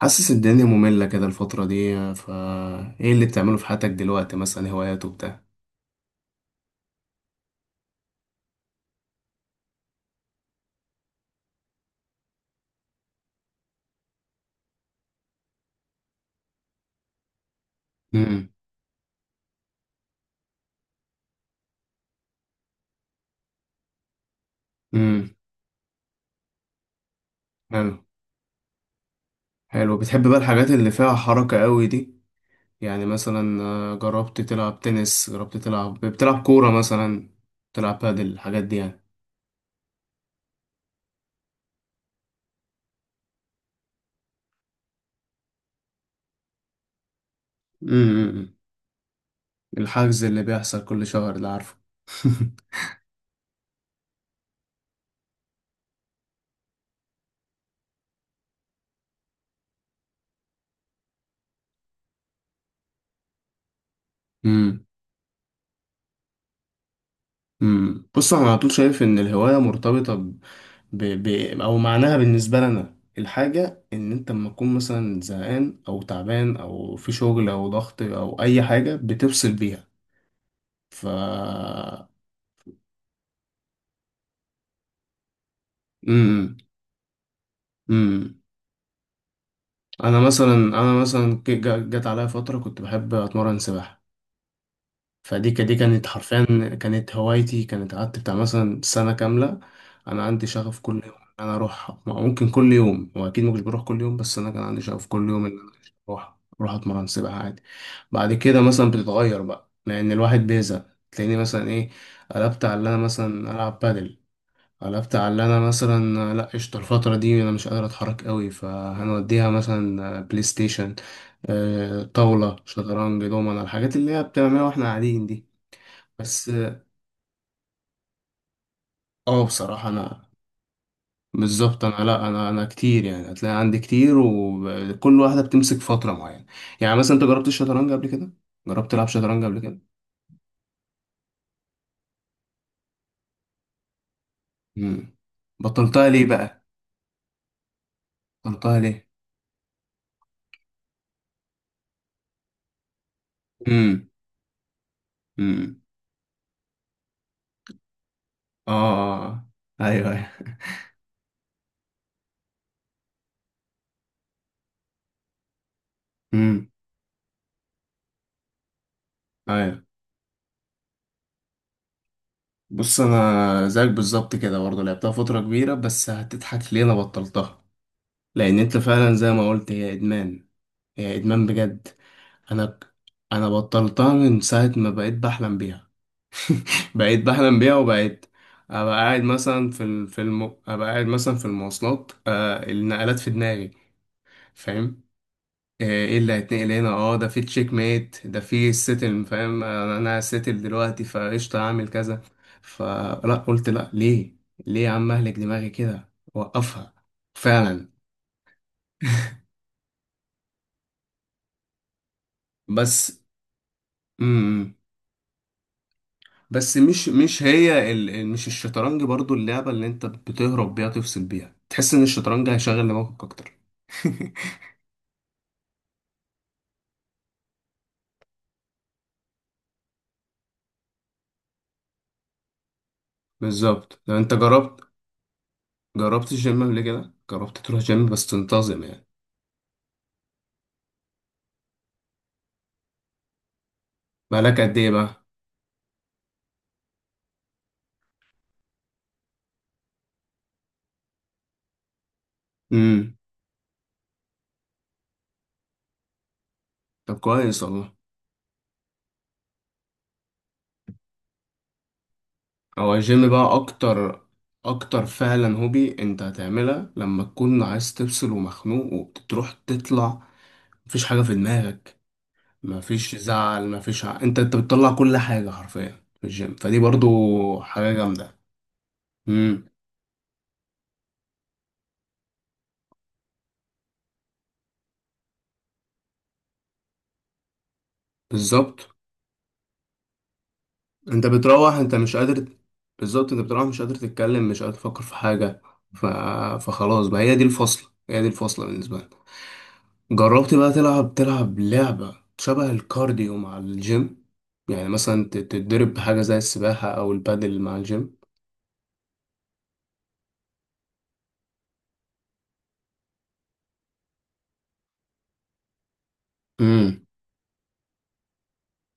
حاسس الدنيا مملة كده الفترة دي. ايه اللي بتعمله في حياتك دلوقتي، مثلا هوايات وبتاع؟ امم. امم. حلو. حلو، بتحب بقى الحاجات اللي فيها حركة قوي دي؟ يعني مثلا، جربت تلعب تنس؟ جربت تلعب بتلعب كورة مثلا؟ تلعب بادل، الحاجات دي يعني. امم. الحجز اللي بيحصل كل شهر ده، عارفه. امم. امم. بص، انا على طول شايف ان الهوايه مرتبطه ب... ب... او معناها بالنسبه لنا الحاجه، ان انت لما تكون مثلا زهقان او تعبان او في شغل او ضغط او اي حاجه بتفصل بيها. ف امم. امم. انا مثلا جت عليا فتره كنت بحب اتمرن سباحه. دي كانت حرفيا، كانت هوايتي، كانت قعدت بتاع مثلا سنة كاملة. أنا عندي شغف كل يوم إن أنا أروح، ممكن كل يوم، وأكيد ما كنتش بروح كل يوم، بس أنا كان عندي شغف كل يوم إن أنا أروح أتمرن سباحة عادي. بعد كده مثلا بتتغير بقى لأن الواحد بيزهق. تلاقيني مثلا إيه، قلبت على إن أنا مثلا ألعب بادل، قلبت على إن أنا مثلا لأ، قشطة، الفترة دي أنا مش قادر أتحرك قوي، فهنوديها مثلا بلاي ستيشن، طاولة، شطرنج، دومنة، الحاجات اللي هي بتعملها واحنا قاعدين دي. بس. اه، بصراحة انا، بالظبط انا، لا، انا كتير يعني، هتلاقي عندي كتير وكل واحدة بتمسك فترة معينة. يعني مثلا انت جربت الشطرنج قبل كده؟ جربت تلعب شطرنج قبل كده؟ امم. بطلتها ليه بقى؟ بطلتها ليه؟ امم. امم. اه. آه. آه. ايوه. ايوه. امم. ايوه. بص، انا زيك بالظبط كده برضه، لعبتها فترة كبيرة، بس هتضحك ليه انا بطلتها. لان انت فعلا زي ما قلت، هي ادمان، هي ادمان بجد. انا ك- انا بطلتها من ساعه ما بقيت بحلم بيها. بقيت بحلم بيها، وبقيت ابقى قاعد مثلا في المواصلات. النقلات في دماغي. فاهم؟ ايه اللي هيتنقل هنا؟ اه، ده في تشيك ميت، ده في السيتل، فاهم، انا هسيتل دلوقتي فقشطه هعمل كذا. فلا، قلت لا. ليه؟ ليه يا عم اهلك دماغي كده، وقفها. فعلا. بس. مم. بس مش هي مش الشطرنج برضو اللعبة اللي انت بتهرب بيها، تفصل بيها، تحس ان الشطرنج هيشغل دماغك اكتر؟ بالظبط. لو انت جربت الجيم قبل كده، جربت تروح جيم بس تنتظم يعني؟ بقالك قد ايه بقى؟ امم. طب كويس والله. هو الجيم بقى اكتر، اكتر فعلا هوبي انت هتعملها لما تكون عايز تفصل ومخنوق وبتروح تطلع مفيش حاجة في دماغك. مفيش زعل، مفيش انت بتطلع كل حاجة حرفيا في الجيم، فدي برضو حاجة جامدة. امم. بالظبط، انت بتروح انت مش قادر. بالظبط، انت بتروح مش قادر تتكلم، مش قادر تفكر في حاجة. ف... فخلاص بقى، هي دي الفصلة، هي دي الفصلة بالنسبة لي. جربت بقى تلعب لعبة شبه الكارديو مع الجيم؟ يعني مثلا تتدرب بحاجة زي السباحة أو البادل مع الجيم؟ امم.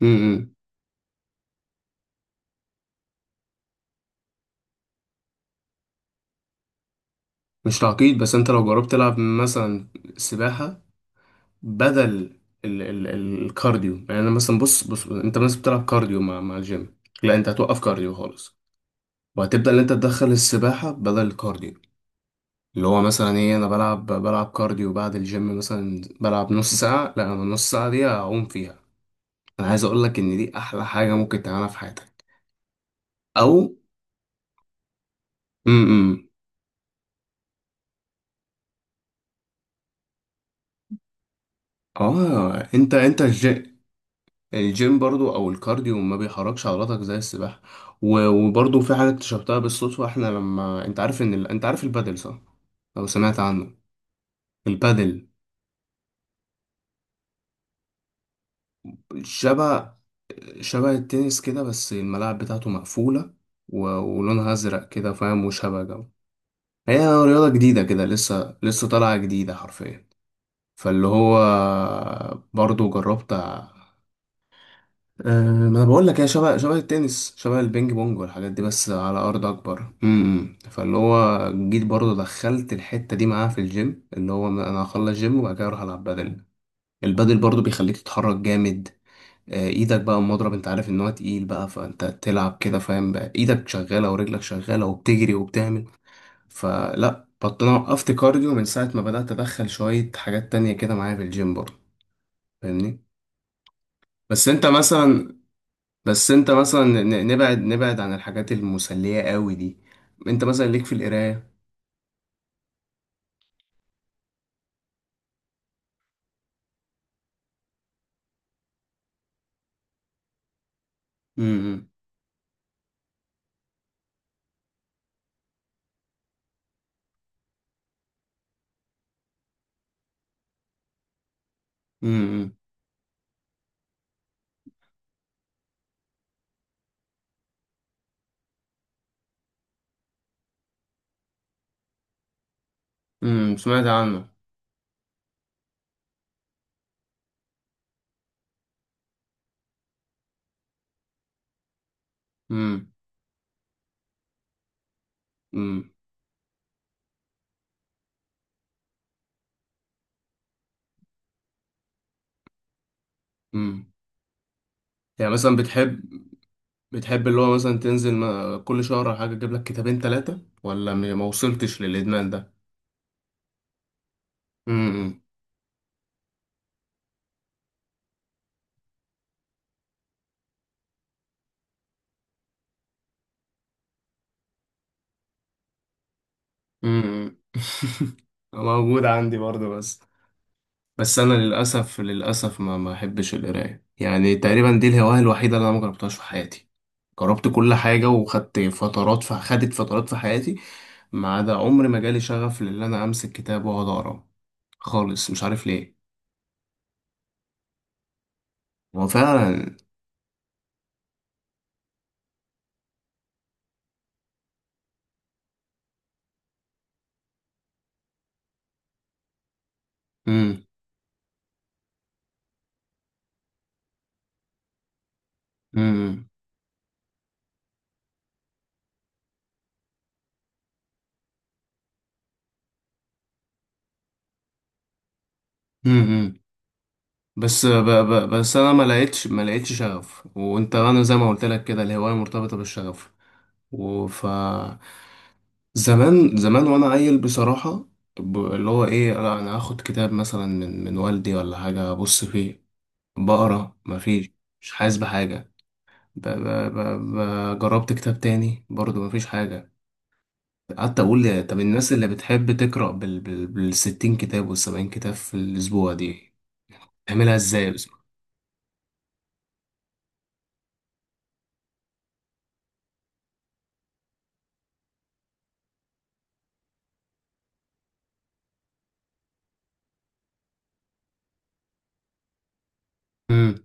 امم. امم. مش تعقيد، بس انت لو جربت تلعب مثلا سباحة بدل الكارديو. يعني انا مثلا، بص بص، انت مثلا بتلعب كارديو مع الجيم. لا، انت هتوقف كارديو خالص، وهتبدا ان انت تدخل السباحه بدل الكارديو. اللي هو مثلا ايه، انا بلعب كارديو بعد الجيم، مثلا بلعب نص ساعه، لا، انا النص ساعه دي هعوم فيها. انا عايز اقول لك ان دي احلى حاجه ممكن تعملها في حياتك. او. امم. اه، انت الجيم، الجيم برضو او الكارديو ما بيحركش عضلاتك زي السباحه. وبرضو في حاجه اكتشفتها بالصدفه، احنا لما، انت عارف ان انت عارف البادل، صح؟ لو سمعت عنه. البادل شبه شبه التنس كده، بس الملاعب بتاعته مقفوله ولونها ازرق كده، فاهم، وشبه جو. هي رياضه جديده كده، لسه لسه طالعه جديده حرفيا. فاللي هو. برضو جربت. أه، ما انا بقول لك، هي شبه التنس، شبه البينج بونج والحاجات دي، بس على ارض اكبر. امم. فاللي هو جيت برضه دخلت الحته دي معاه في الجيم، اللي هو انا هخلص جيم وبعد كده اروح العب بدل. البدل برضه بيخليك تتحرك جامد. ايدك بقى المضرب، انت عارف ان هو تقيل بقى، فانت تلعب كده فاهم، بقى ايدك شغاله ورجلك شغاله وبتجري وبتعمل. فلا انا وقفت كارديو من ساعه ما بدات ادخل شويه حاجات تانية كده معايا في الجيم برضه. فاهمني؟ بس انت مثلا بس انت مثلا نبعد، نبعد عن الحاجات المسلية قوي دي. انت مثلا ليك في القراية؟ امم. امم. امم. سمعت عنه. امم. امم. امم. يعني مثلا بتحب اللي هو مثلا تنزل كل شهر او حاجة تجيب لك كتابين ثلاثة، ولا ما وصلتش للإدمان ده؟ امم. امم. موجود عندي برضه. بس. بس انا للاسف، للاسف ما احبش القرايه. يعني تقريبا دي الهوايه الوحيده اللي انا ما جربتهاش في حياتي، جربت كل حاجه وخدت فترات، في خدت فترات في حياتي ما عدا عمري ما جالي شغف لان انا امسك كتاب واقعد اقرا خالص. مش عارف ليه. هو فعلا. امم. امم. امم. بس انا ما لقيتش شغف، وانت، انا زي ما قلت لك كده، الهوايه مرتبطه بالشغف. وف زمان زمان وانا عيل بصراحة. اللي هو ايه، انا هاخد كتاب مثلا من والدي ولا حاجة، ابص فيه، بقرا مفيش، مش حاسس بحاجة. ب ب ب ب جربت كتاب تاني برضه، مفيش حاجة. قعدت اقول طب الناس اللي بتحب تقرا بالـ60 كتاب والـ70 كتاب في الاسبوع دي تعملها ازاي؟ بس.